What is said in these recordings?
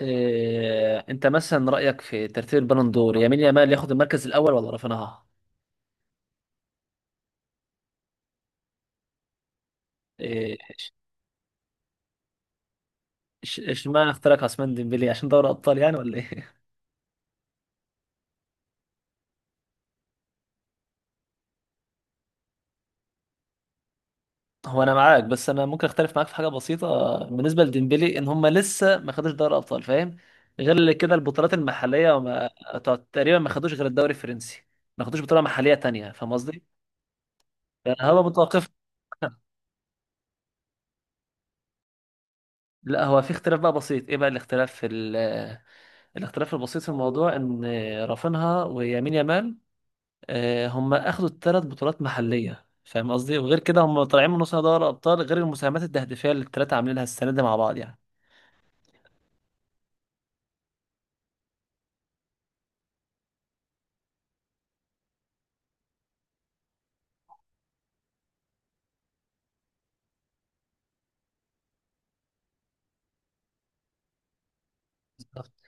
إيه انت مثلا رايك في ترتيب البالون دور، يمين يامال ياخد المركز الاول ولا رافينها؟ إيه إش- اشمعنى اختارك عثمان ديمبلي عشان دوري ابطال يعني ولا ايه؟ هو انا معاك، بس انا ممكن اختلف معاك في حاجه بسيطه بالنسبه لديمبلي، ان هم لسه ما خدوش دوري ابطال، فاهم؟ غير كده البطولات المحليه، وما تقريبا ما خدوش غير الدوري الفرنسي، ما خدوش بطوله محليه تانية، فاهم قصدي؟ يعني هو متوقف. لا، هو في اختلاف بقى بسيط. ايه بقى الاختلاف الاختلاف البسيط في الموضوع؟ ان رافينها ويمين يامال، هم اخدوا الثلاث بطولات محليه، فاهم قصدي؟ وغير كده هم طالعين من نص نهائي دوري الابطال، غير المساهمات التهديفيه اللي الثلاثه عاملينها السنه دي مع بعض يعني. بالظبط.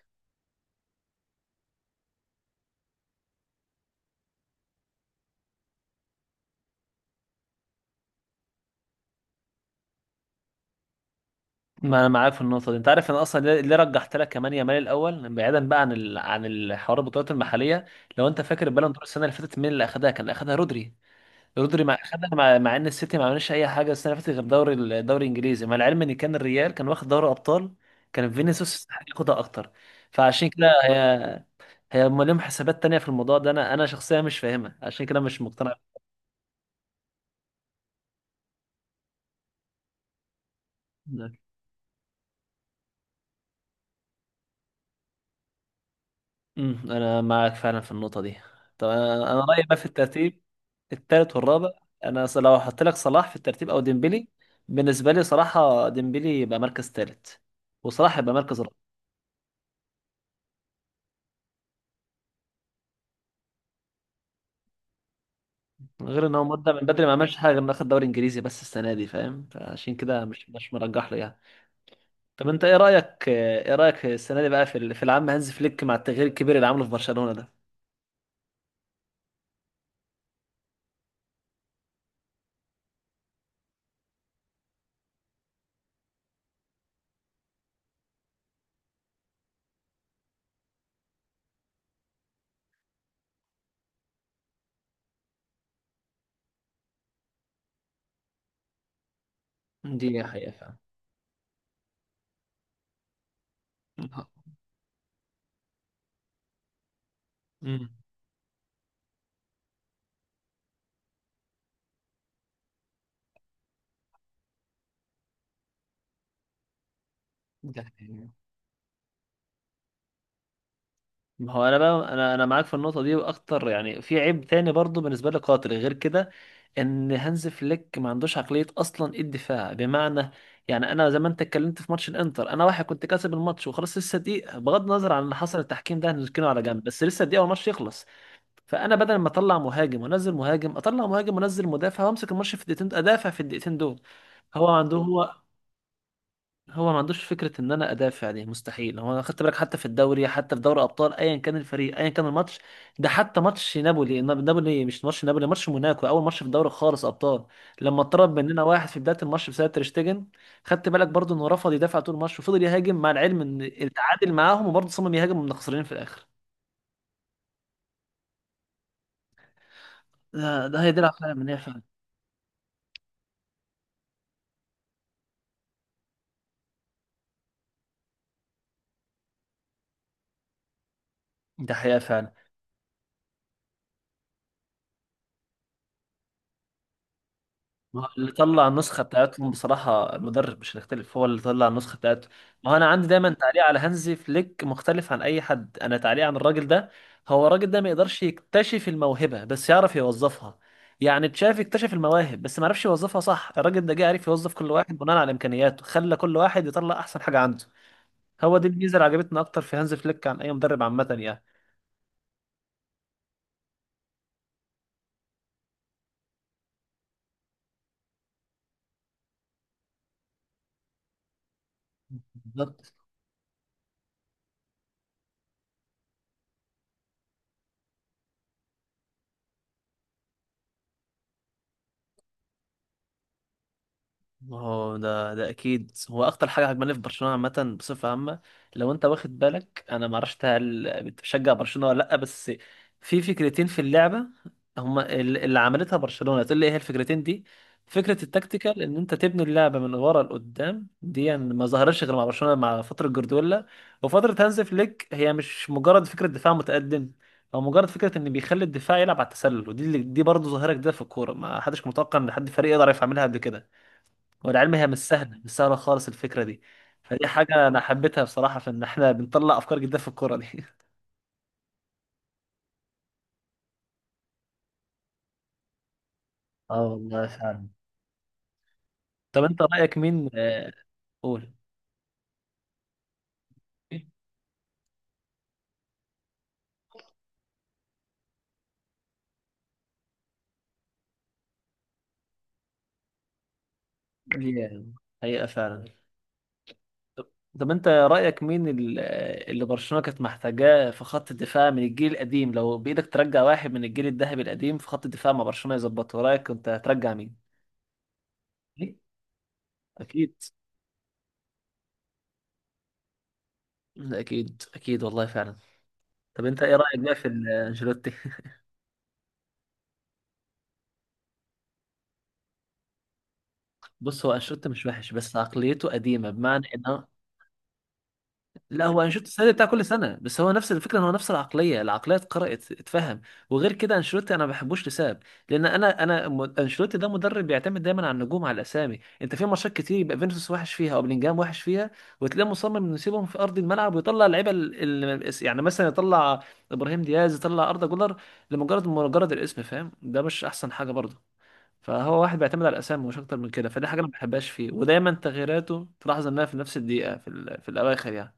ما انا معاك في النقطه دي. انت عارف انا اصلا ليه رجحت لك كمان يامال الاول، بعيدا بقى عن الحوار البطولات المحليه؟ لو انت فاكر البالون دور السنه اللي فاتت مين اللي اخدها؟ كان اخدها رودري. رودري مع خدها، مع ان السيتي ما عملش اي حاجه السنه اللي فاتت غير دوري الدوري الانجليزي، مع العلم ان كان الريال كان واخد دوري ابطال، كان فينيسيوس يستحق ياخدها اكتر. فعشان كده هي، هم لهم حسابات تانية في الموضوع ده، انا شخصيا مش فاهمها، عشان كده مش مقتنع بيه. انا معاك فعلا في النقطه دي. طب أنا رايي بقى في الترتيب الثالث والرابع، لو هحط لك صلاح في الترتيب او ديمبلي، بالنسبه لي صراحه ديمبلي يبقى مركز ثالث، وصلاح يبقى مركز. غير ان هو مدة من بدري ما عملش حاجه غير انه اخد دوري انجليزي بس السنه دي، فاهم؟ فعشان كده مش مرجح له يعني. طب انت ايه رايك، ايه رايك السنه دي بقى في العام هانز فليك مع التغيير الكبير اللي عمله في برشلونه ده؟ دي حقيقه فعلا. مم. ده حقيقة. ما هو انا بقى انا انا معاك في النقطه دي واكتر يعني، في عيب تاني برضو بالنسبه لي قاتل غير كده، ان هانز فليك ما عندوش عقليه اصلا الدفاع، بمعنى يعني انا زي ما انت اتكلمت في ماتش الانتر، انا واحد كنت كاسب الماتش وخلاص، لسه دقيقه، بغض النظر عن اللي حصل التحكيم ده هنركنه على جنب، بس لسه دقيقه والماتش يخلص. فانا بدل ما اطلع مهاجم وانزل مهاجم، اطلع مهاجم وانزل مدافع، وامسك الماتش في الدقيقتين، ادافع في الدقيقتين دول. هو عنده هو هو ما عندوش فكره ان انا ادافع، دي مستحيل. هو انا خدت بالك حتى في الدوري، حتى في دوري ابطال، ايا كان الفريق، ايا كان الماتش، ده حتى ماتش نابولي، مش ماتش نابولي، ماتش موناكو، اول ماتش في الدوري خالص ابطال، لما اتطرد مننا واحد في بدايه الماتش بسبب تريشتجن، خدت بالك برضو انه رفض يدافع طول الماتش وفضل يهاجم، مع العلم ان التعادل معاهم، وبرضه صمم يهاجم، ومن خسرانين في الاخر. ده هي دي العقليه المنيعه فعلا. ده حقيقه فعلا. ما هو اللي طلع النسخة بتاعتهم بصراحة المدرب، مش هنختلف، هو اللي طلع النسخة بتاعته. ما هو أنا عندي دايما تعليق على هانزي فليك مختلف عن أي حد. أنا تعليق عن الراجل ده، هو الراجل ده ما يقدرش يكتشف الموهبة بس يعرف يوظفها. يعني تشافي اكتشف المواهب بس ما عرفش يوظفها، صح؟ الراجل ده جه عرف يوظف كل واحد بناء على إمكانياته، خلى كل واحد يطلع أحسن حاجة عنده. هو دي الميزة اللي عجبتنا أكتر في هانز فليك عن أي مدرب عامة يعني. بالظبط. هو ده اكيد هو اكتر حاجه عجباني في برشلونه عامه بصفه عامه. لو انت واخد بالك، انا ما اعرفش هل بتشجع برشلونه ولا لا، بس في فكرتين في اللعبه هما اللي عملتها برشلونه، تقول لي ايه هي الفكرتين دي؟ فكره التكتيكال ان انت تبني اللعبه من ورا لقدام دي، يعني ما ظهرتش غير مع برشلونه مع فتره جوارديولا وفتره هانز فليك. هي مش مجرد فكره دفاع متقدم او مجرد فكره ان بيخلي الدفاع يلعب على التسلل، ودي دي برضه ظاهره جديده في الكوره، ما حدش كان متوقع ان حد فريق يقدر يعملها قبل كده. والعلم هي مش سهله، مش سهله خالص الفكره دي. فدي حاجه انا حبيتها بصراحه، في ان احنا بنطلع افكار جديده في الكوره دي. اه والله فعلا. طب انت رايك مين، قول ليه، حقيقه فعلا. طب طب انت رايك مين اللي برشلونه كانت محتاجاه في خط الدفاع من الجيل القديم، لو بايدك ترجع واحد من الجيل الذهبي القديم في خط الدفاع مع برشلونه يظبطه، رايك كنت هترجع مين؟ اكيد، اكيد اكيد والله فعلا. طب انت ايه رايك بقى في انشيلوتي؟ بص، هو انشيلوتي مش وحش، بس عقليته قديمه، بمعنى ان... لا، هو انشيلوتي السنه دي بتاع كل سنه، بس هو نفس الفكره، إن هو نفس العقليه، العقليه اتقرأت اتفهم. وغير كده انشيلوتي انا ما بحبوش لسبب، لان انشيلوتي ده مدرب بيعتمد دايما على النجوم، على الاسامي. انت في ماتشات كتير يبقى فينيسيوس وحش فيها او بلينجهام وحش فيها، وتلاقيه مصمم انه يسيبهم في ارض الملعب ويطلع اللعيبه يعني مثلا يطلع ابراهيم دياز، يطلع اردا جولر، لمجرد الاسم، فاهم؟ ده مش احسن حاجه برضه. فهو واحد بيعتمد على الاسامي مش اكتر من كده. فدي حاجه انا ما بحبهاش فيه، ودايما تغييراته تلاحظ انها في نفس الدقيقه في الاواخر يعني.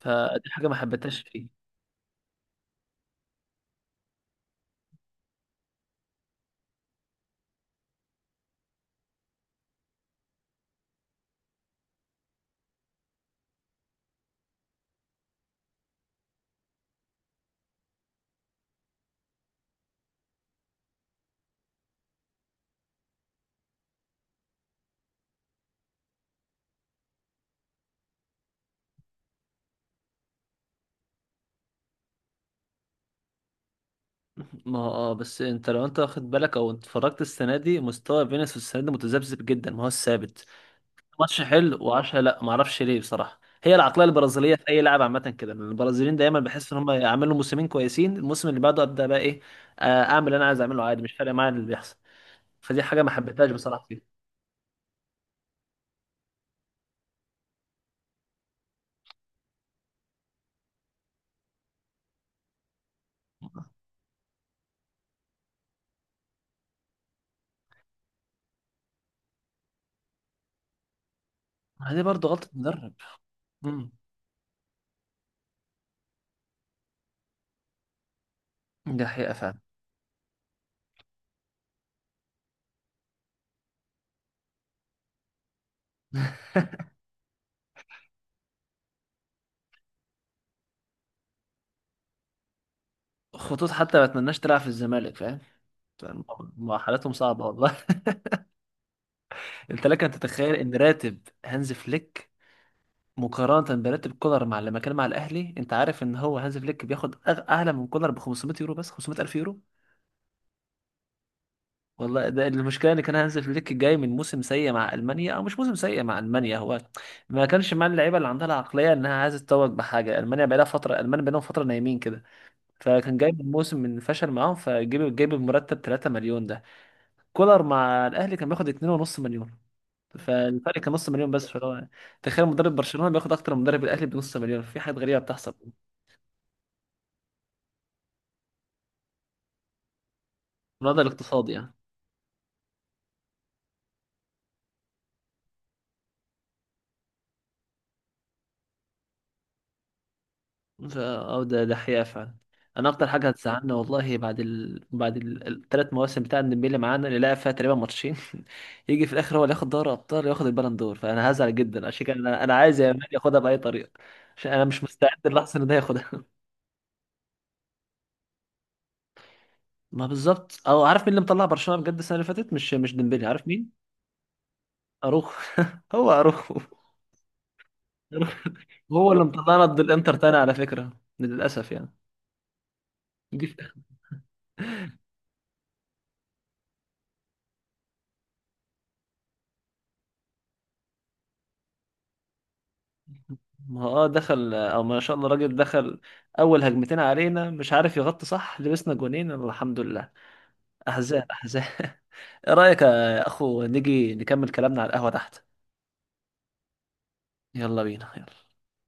فدي حاجه ما حبيتهاش فيه. ما هو، بس انت واخد بالك او اتفرجت السنه دي، مستوى فينيسيوس السنه دي متذبذب جدا، ما هو ثابت. ماتش حلو و10، لا، ما اعرفش ليه بصراحه، هي العقليه البرازيليه في اي لاعب عامه كده. لأن البرازيليين دايما بحس ان هم يعملوا موسمين كويسين، الموسم اللي بعده ابدا بقى ايه، اعمل اللي انا عايز اعمله عادي، مش فارق معايا اللي بيحصل. فدي حاجه ما حبيتهاش بصراحه فيه. ما دي برضه غلطة مدرب. امم دي حقيقة فعلا. خطوط، حتى ما اتمناش تلعب في الزمالك، فاهم؟ ما حالتهم صعبة والله. انت لك ان تتخيل ان راتب هانز فليك مقارنة براتب كولر مع لما كان مع الاهلي؟ انت عارف ان هو هانز فليك بياخد اعلى من كولر ب 500 يورو، بس 500 الف يورو، والله. ده المشكلة ان كان هانز فليك جاي من موسم سيء مع المانيا، او مش موسم سيء مع المانيا، هو ما كانش مع اللعيبة اللي عندها العقلية انها عايزة تتوج بحاجة. المانيا بقالهم فترة نايمين كده. فكان جايب الموسم من فشل معاهم، جايب المرتب 3 مليون ده. كولر مع الاهلي كان بياخد 2.5 مليون، فالفرق كان نص مليون بس، فهو تخيل مدرب برشلونة بياخد اكتر من مدرب الاهلي بنص مليون، في حاجات غريبة بتحصل من هذا الاقتصاد يعني. ده حقيقة فعلا. انا اكتر حاجة هتزعلنا والله، بعد الثلاث مواسم بتاع ديمبلي معانا اللي لعب فيها تقريبا ماتشين يجي في الاخر هو اللي ياخد دوري ابطال، ياخد البالون دور، فانا هزعل جدا. عشان كده انا عايز يا مان ياخدها باي طريقة، عشان انا مش مستعد اللحظة ان ده ياخدها. ما بالظبط، او عارف مين اللي مطلع برشلونة بجد السنة اللي فاتت؟ مش ديمبلي، عارف مين؟ اروخو. هو اروخو هو اللي مطلعنا ضد الانتر تاني على فكرة، للاسف يعني. دي في آخر- ما هو، اه دخل، او ما شاء الله الراجل دخل اول هجمتين علينا مش عارف يغطي صح، لبسنا جونين الحمد لله، احزان احزان. ايه رايك يا اخو نيجي نكمل كلامنا على القهوة تحت؟ يلا بينا، يلا.